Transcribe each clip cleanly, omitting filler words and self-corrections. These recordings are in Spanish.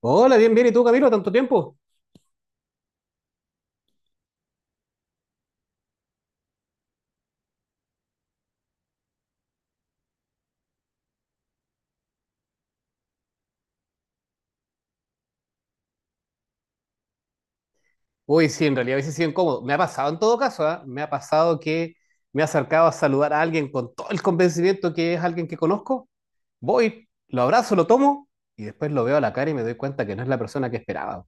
Hola, bien, bien. ¿Y tú, Camilo? ¿Tanto tiempo? Uy, sí, en realidad a veces sí incómodo. Me ha pasado en todo caso, ¿ah? Me ha pasado que me he acercado a saludar a alguien con todo el convencimiento que es alguien que conozco. Voy, lo abrazo, lo tomo y después lo veo a la cara y me doy cuenta que no es la persona que esperaba.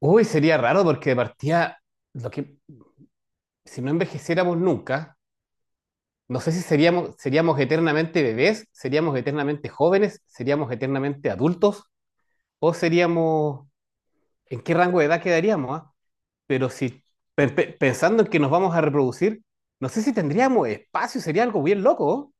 Uy, sería raro porque de partida, lo que, si no envejeciéramos nunca, no sé si seríamos, seríamos eternamente bebés, seríamos eternamente jóvenes, seríamos eternamente adultos o seríamos, ¿en qué rango de edad quedaríamos, ah? Pero si pensando en que nos vamos a reproducir, no sé si tendríamos espacio, sería algo bien loco,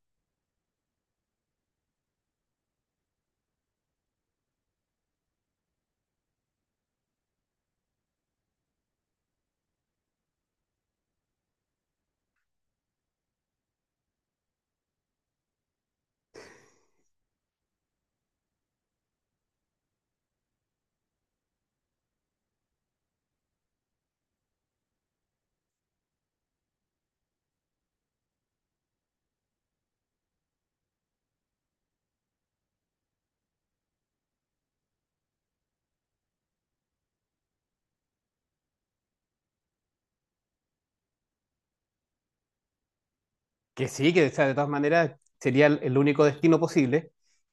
que sí, que o sea, de todas maneras sería el único destino posible,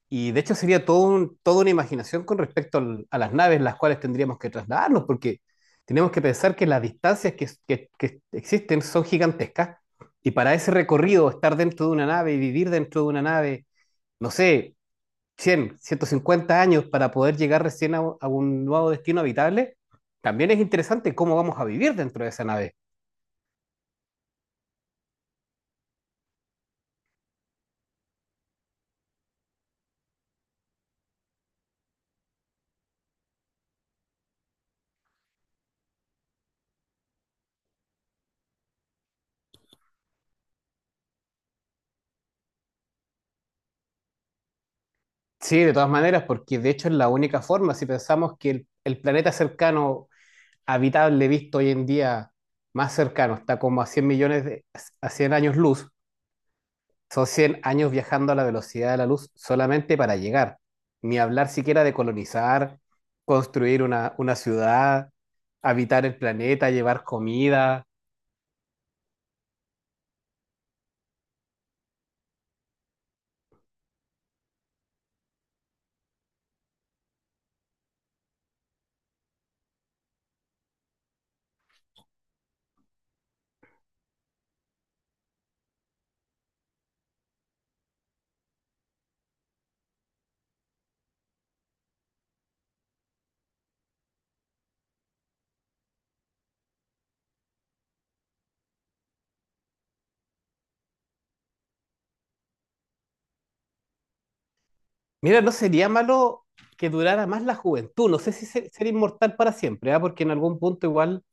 y de hecho sería todo un, toda una imaginación con respecto al, a las naves en las cuales tendríamos que trasladarnos, porque tenemos que pensar que las distancias que existen son gigantescas, y para ese recorrido, estar dentro de una nave y vivir dentro de una nave, no sé, 100, 150 años para poder llegar recién a un nuevo destino habitable, también es interesante cómo vamos a vivir dentro de esa nave. Sí, de todas maneras, porque de hecho es la única forma, si pensamos que el planeta cercano habitable visto hoy en día más cercano está como a 100 millones de, a 100 años luz, son 100 años viajando a la velocidad de la luz solamente para llegar, ni hablar siquiera de colonizar, construir una ciudad, habitar el planeta, llevar comida. Mira, no sería malo que durara más la juventud. No sé si ser inmortal para siempre, ¿ah? Porque en algún punto igual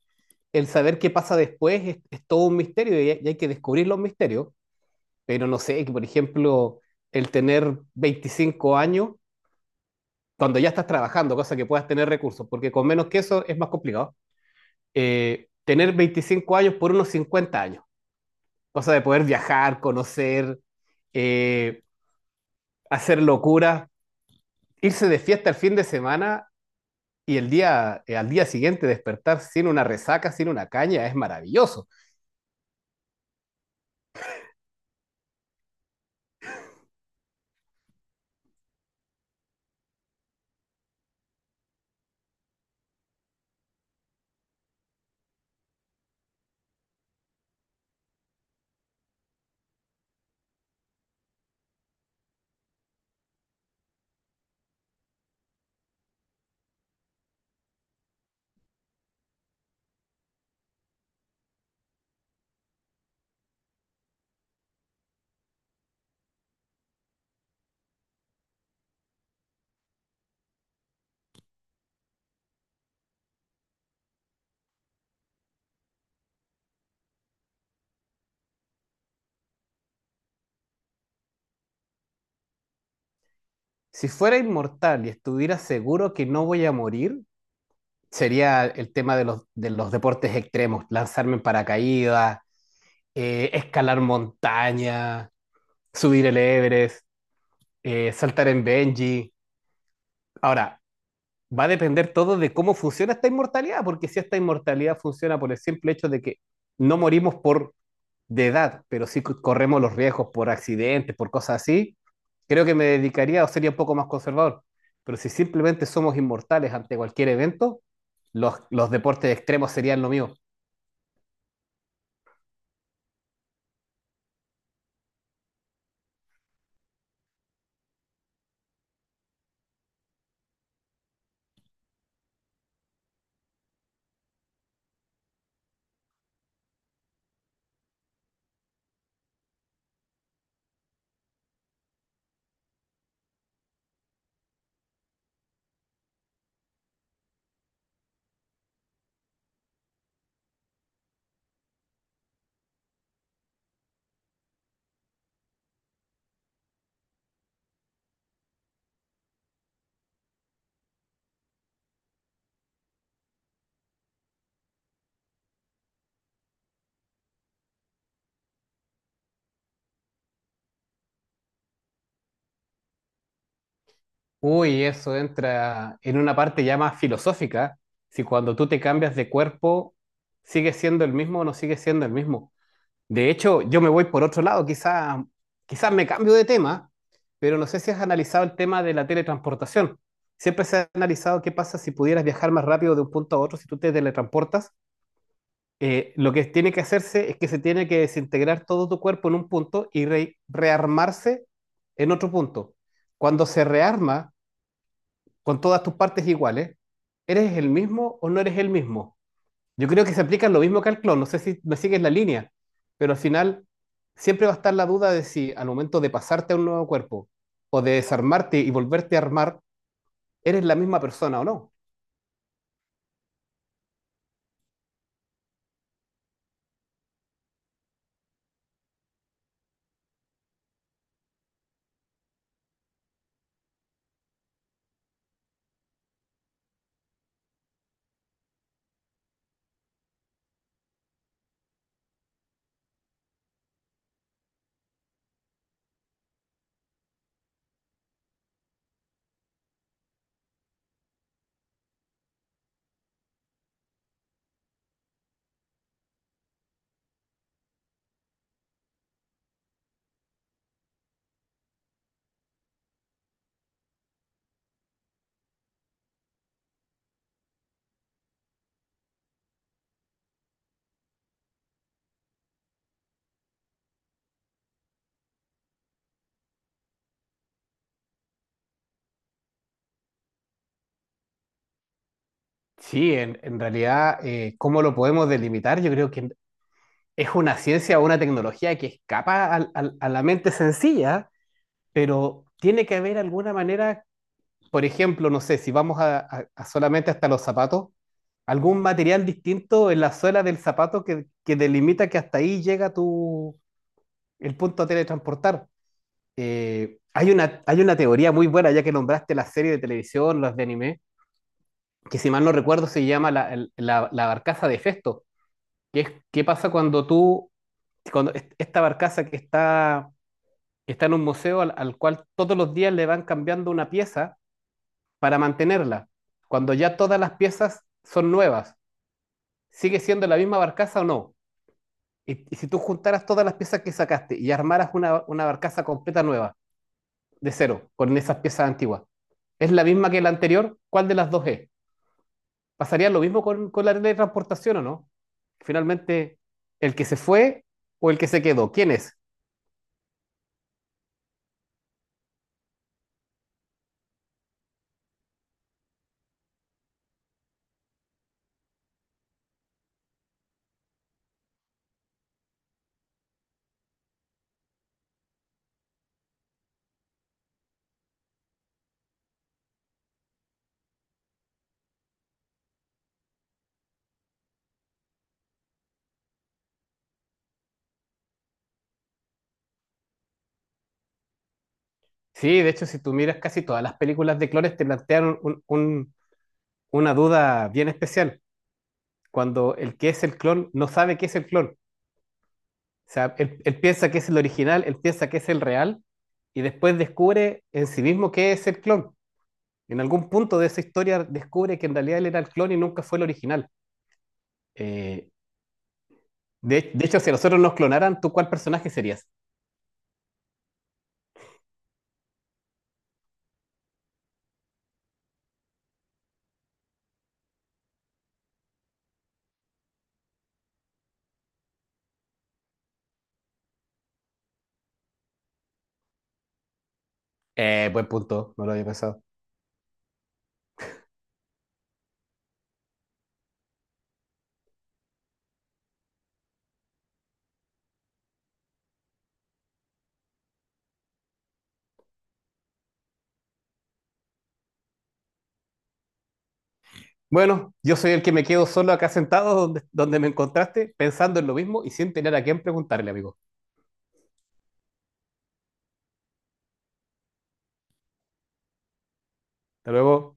el saber qué pasa después es todo un misterio y hay que descubrir los misterios. Pero no sé, que por ejemplo, el tener 25 años cuando ya estás trabajando, cosa que puedas tener recursos, porque con menos que eso es más complicado. Tener 25 años por unos 50 años, cosa de poder viajar, conocer, eh, hacer locuras, irse de fiesta el fin de semana y el día, al día siguiente despertar sin una resaca, sin una caña, es maravilloso. Si fuera inmortal y estuviera seguro que no voy a morir, sería el tema de los deportes extremos, lanzarme en paracaídas, escalar montaña, subir el Everest, saltar en bungee. Ahora, va a depender todo de cómo funciona esta inmortalidad, porque si esta inmortalidad funciona por el simple hecho de que no morimos por de edad, pero sí corremos los riesgos por accidentes, por cosas así, creo que me dedicaría o sería un poco más conservador. Pero si simplemente somos inmortales ante cualquier evento, los deportes extremos serían lo mío. Uy, eso entra en una parte ya más filosófica. Si cuando tú te cambias de cuerpo, ¿sigues siendo el mismo o no sigues siendo el mismo? De hecho, yo me voy por otro lado, quizás me cambio de tema, pero no sé si has analizado el tema de la teletransportación. Siempre se ha analizado qué pasa si pudieras viajar más rápido de un punto a otro si tú te teletransportas. Lo que tiene que hacerse es que se tiene que desintegrar todo tu cuerpo en un punto y rearmarse en otro punto. Cuando se rearma con todas tus partes iguales, ¿eres el mismo o no eres el mismo? Yo creo que se aplica lo mismo que al clon, no sé si me sigues la línea, pero al final siempre va a estar la duda de si al momento de pasarte a un nuevo cuerpo o de desarmarte y volverte a armar, eres la misma persona o no. Sí, en realidad, ¿cómo lo podemos delimitar? Yo creo que es una ciencia o una tecnología que escapa a la mente sencilla, pero tiene que haber alguna manera por ejemplo, no sé, si vamos a solamente hasta los zapatos, algún material distinto en la suela del zapato que delimita que hasta ahí llega tu, el punto a teletransportar. Hay una teoría muy buena, ya que nombraste la serie de televisión, los de anime, que si mal no recuerdo se llama la barcaza de Festo, que es qué pasa cuando tú, cuando esta barcaza que está en un museo al cual todos los días le van cambiando una pieza para mantenerla, cuando ya todas las piezas son nuevas, ¿sigue siendo la misma barcaza o no? Y si tú juntaras todas las piezas que sacaste y armaras una barcaza completa nueva, de cero, con esas piezas antiguas, ¿es la misma que la anterior? ¿Cuál de las dos es? ¿Pasaría lo mismo con la ley de transportación o no? Finalmente, ¿el que se fue o el que se quedó? ¿Quién es? Sí, de hecho, si tú miras casi todas las películas de clones, te plantean una duda bien especial. Cuando el que es el clon no sabe qué es el clon. Sea, él piensa que es el original, él piensa que es el real, y después descubre en sí mismo que es el clon. En algún punto de esa historia descubre que en realidad él era el clon y nunca fue el original. Eh, de hecho, si nosotros nos clonaran, ¿tú cuál personaje serías? Buen punto, no lo había pensado. Bueno, yo soy el que me quedo solo acá sentado donde, donde me encontraste, pensando en lo mismo y sin tener a quién preguntarle, amigo. Hasta luego.